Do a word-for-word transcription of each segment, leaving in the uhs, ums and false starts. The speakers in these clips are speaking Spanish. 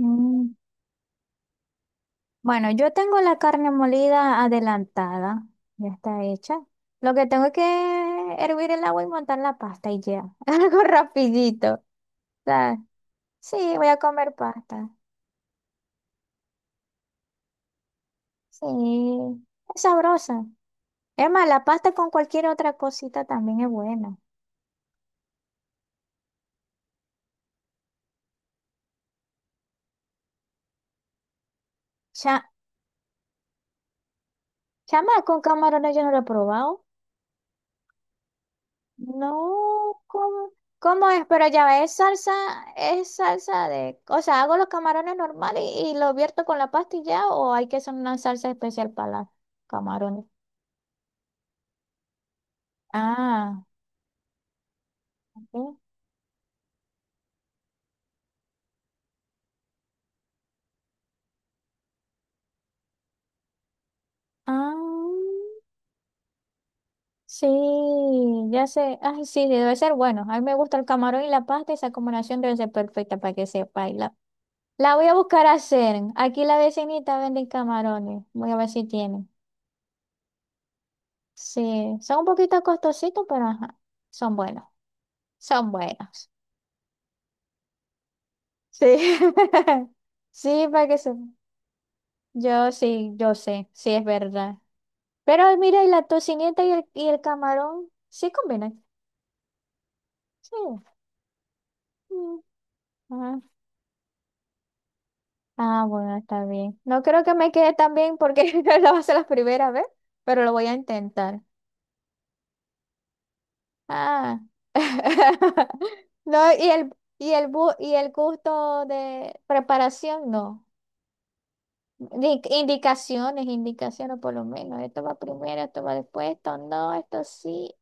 Mm, Bueno, yo tengo la carne molida adelantada, ya está hecha. Lo que tengo es que hervir el agua y montar la pasta y ya. Algo rapidito. O sea, sí, voy a comer pasta. Sí, es sabrosa. Es más, la pasta con cualquier otra cosita también es buena. Ya, chama, con camarones yo no lo he probado. No, ¿cómo, cómo es? Pero ya ves, salsa, es salsa de, o sea, hago los camarones normales y, y lo vierto con la pasta y ya, o hay que hacer una salsa especial para los camarones. Ah, ok. Ah, sí, ya sé. Ay, sí, debe ser bueno. A mí me gusta el camarón y la pasta, esa combinación debe ser perfecta para que sepa y La, la voy a buscar a hacer. Aquí la vecinita vende camarones. Voy a ver si tiene. Sí, son un poquito costositos, pero ajá, son buenos. Son buenos. Sí. Sí, para que se... Yo sí, yo sé, sí es verdad. Pero mira, y la tocineta y el, y el camarón sí combinan. Sí. Mm, ajá. Ah, bueno, está bien. No creo que me quede tan bien porque lo va a ser la primera vez, pero lo voy a intentar. Ah. No, y el, y el, bu- y el gusto de preparación, no. Di- Indicaciones, indicaciones por lo menos. Esto va primero, esto va después, esto no, esto sí.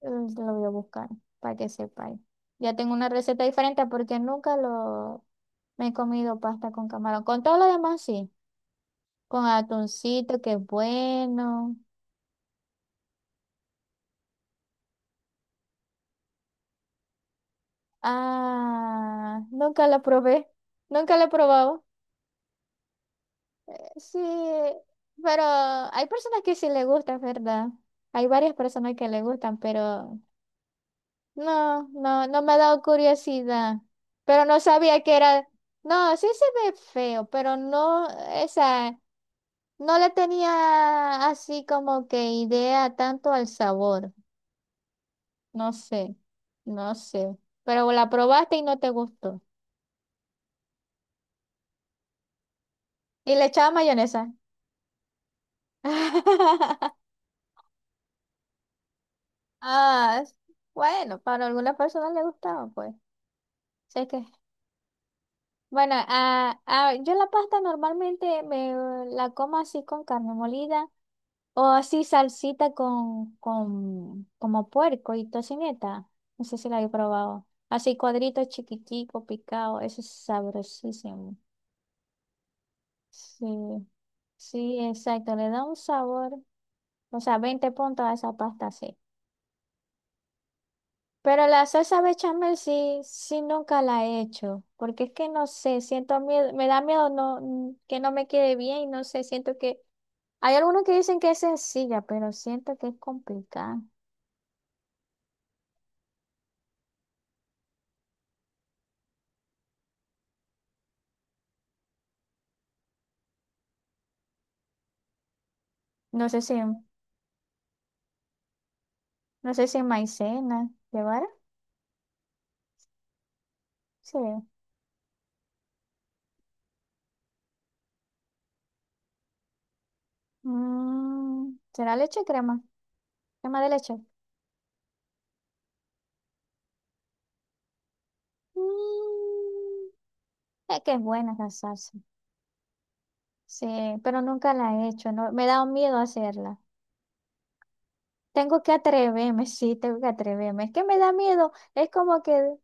Mm, Lo voy a buscar para que sepáis. Ya tengo una receta diferente porque nunca lo me he comido pasta con camarón. Con todo lo demás sí. Con atuncito, que es bueno. Ah, nunca lo probé. Nunca lo he probado. Sí, pero hay personas que sí le gustan, ¿verdad? Hay varias personas que le gustan, pero no, no, no me ha dado curiosidad, pero no sabía que era, no, sí se ve feo, pero no, esa, no le tenía así como que idea tanto al sabor, no sé, no sé, pero la probaste y no te gustó. Y le echaba mayonesa. Ah, es- bueno, para algunas personas le gustaba, pues, sé que, bueno, ah, ah, yo la pasta normalmente me la como así con carne molida, o así salsita con, con, como puerco y tocineta. No sé si la he probado. Así cuadritos chiquitico, picado. Eso es sabrosísimo. Sí, sí, exacto. Le da un sabor. O sea, veinte puntos a esa pasta, sí. Pero la salsa bechamel sí, sí nunca la he hecho. Porque es que no sé, siento miedo, me da miedo no, mm, que no me quede bien y no sé, siento que... Hay algunos que dicen que es sencilla, pero siento que es complicada. No sé si... No sé si maicena. ¿Llevará? Sí. Mm, ¿será leche o crema? ¿Crema de leche? Mm, es que es buena esa salsa. Sí, pero nunca la he hecho. No, me da un miedo hacerla. Tengo que atreverme, sí, tengo que atreverme. Es que me da miedo. Es como que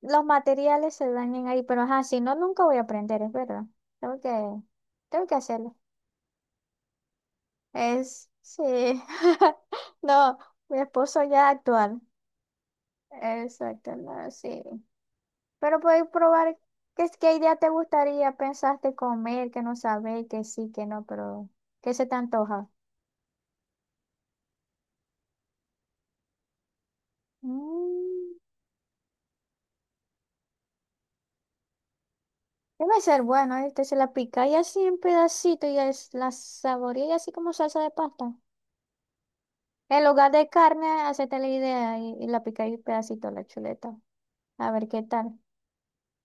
los materiales se dañen ahí, pero ajá, si no, nunca voy a aprender, es verdad. Tengo que, tengo que hacerlo. Es, sí. No, mi esposo ya actual. Exacto, no, sí. Pero podéis probar qué, es- qué idea te gustaría, pensaste comer, que no sabéis, que sí, que no, pero ¿qué se te antoja? Mm, debe ser bueno, este se la pica y así en pedacito y es, la saboría así como salsa de pasta. En lugar de carne, hacete la idea y, y la picáis en pedacito la chuleta. A ver qué tal.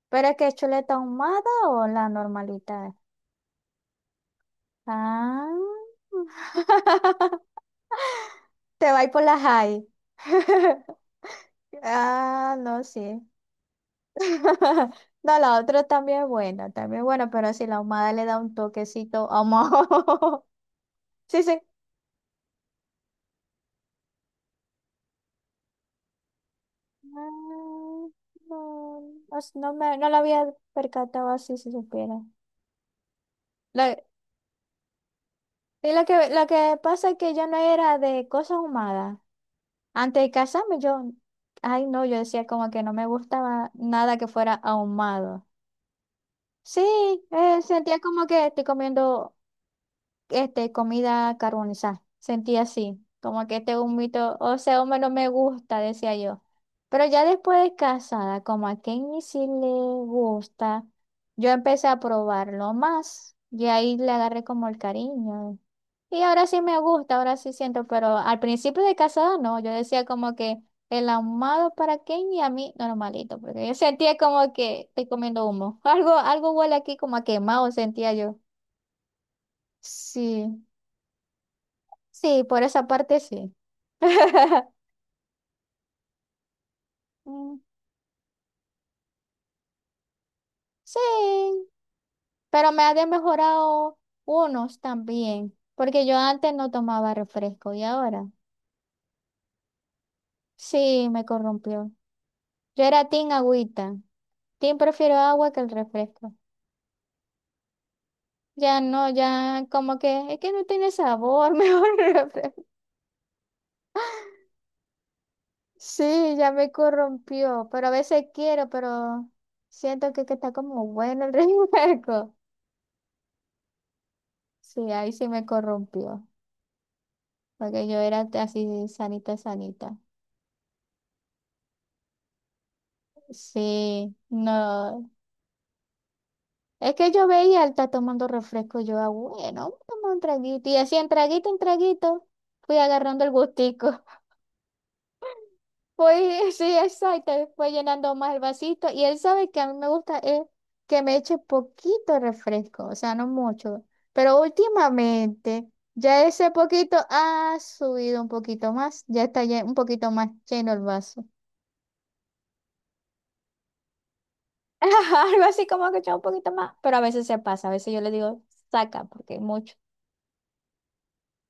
¿Pero es que es chuleta ahumada o la normalita? Ah. Te va a ir por la high. Ah, no, sí. No, la otra también es buena, también es buena, pero si la ahumada le da un toquecito ahumado. Sí, sí. Ah, No, no, s- no me, no la había percatado así si supiera. La- y lo que, lo que pasa es que yo no era de cosas ahumadas. Antes de casarme, yo, ay, no, yo decía como que no me gustaba nada que fuera ahumado. Sí, eh, sentía como que estoy comiendo este, comida carbonizada. Sentía así, como que este humito, o sea, humo no me gusta, decía yo. Pero ya después de casada, como a Kenny sí le gusta, yo empecé a probarlo más y ahí le agarré como el cariño. Y ahora sí me gusta, ahora sí siento, pero al principio de casada no, yo decía como que el ahumado para Kenny y a mí normalito, porque yo sentía como que estoy comiendo humo. Algo, algo huele aquí como a quemado, sentía yo. Sí. Sí, por esa parte sí. Mm, Sí, pero me ha de mejorado unos también, porque yo antes no tomaba refresco y ahora sí me corrompió. Yo era team agüita, team prefiero agua que el refresco. Ya no, ya como que es que no tiene sabor, mejor el refresco. Sí, ya me corrompió, pero a veces quiero, pero siento que, que está como bueno el refresco. Sí, ahí sí me corrompió. Porque yo era así sanita, sanita. Sí, no. Es que yo veía, él está tomando refresco, yo, ah, bueno, vamos un traguito. Y así en traguito, en traguito, fui agarrando el gustico. Fui, sí, exacto, fue llenando más el vasito. Y él sabe que a mí me gusta es que me eche poquito refresco, o sea, no mucho. Pero últimamente, ya ese poquito ha subido un poquito más, ya está lle- un poquito más lleno el vaso. Ajá, algo así como que echaba un poquito más, pero a veces se pasa, a veces yo le digo, saca, porque es mucho.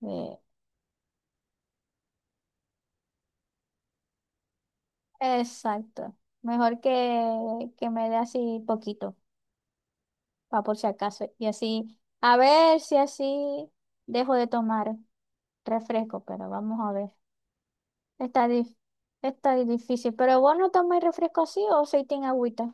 Eh, exacto. Mejor que, que me dé así poquito, para por si acaso. Y así, a ver si así dejo de tomar refresco, pero vamos a ver. Está, dif- está difícil, pero vos no tomáis refresco así o soy tin agüita.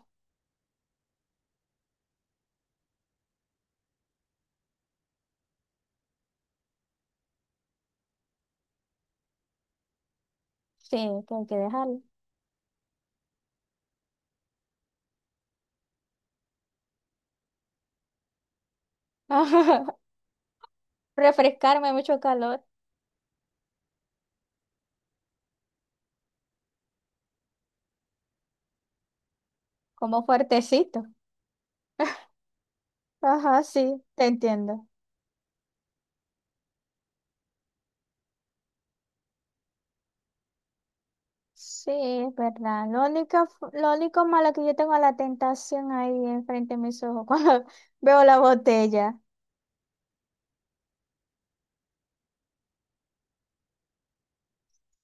Sí, que hay que dejarlo. Refrescarme, mucho calor, como fuertecito. Ajá, sí, te entiendo. Sí, es verdad. Lo único, f- lo único malo que yo tengo es la tentación ahí enfrente de mis ojos cuando veo la botella.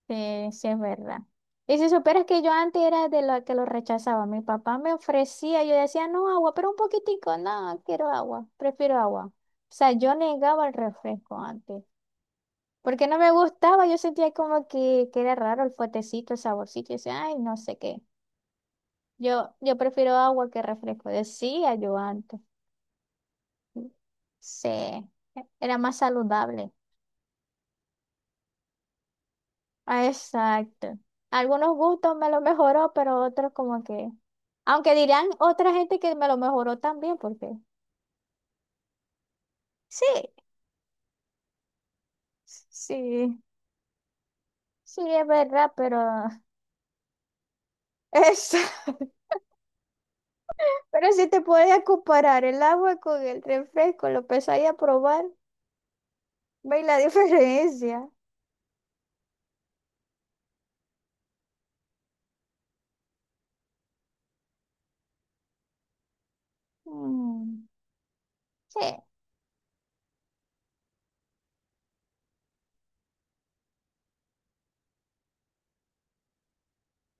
Sí, sí, es verdad. Y si supieras que yo antes era de la que lo rechazaba, mi papá me ofrecía, yo decía, no, agua, pero un poquitico, no, quiero agua, prefiero agua. O sea, yo negaba el refresco antes, porque no me gustaba, yo sentía como que, que era raro el fuertecito, el saborcito, y decía, ay, no sé qué. Yo, yo prefiero agua que refresco, decía yo antes. Sí, era más saludable. Ah, exacto. Algunos gustos me lo mejoró, pero otros como que... Aunque dirán otra gente que me lo mejoró también, porque... Sí, sí, sí, es verdad, pero... Es... Pero si te podías comparar el agua con el refresco, lo empezáis a probar, veis la diferencia. Mm, sí,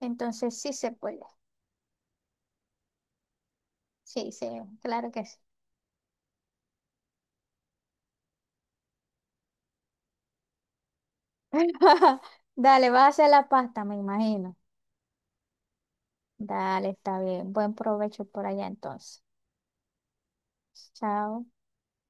entonces sí se puede. Sí, sí, claro que sí. Dale, vas a hacer la pasta, me imagino. Dale, está bien. Buen provecho por allá entonces. Chao.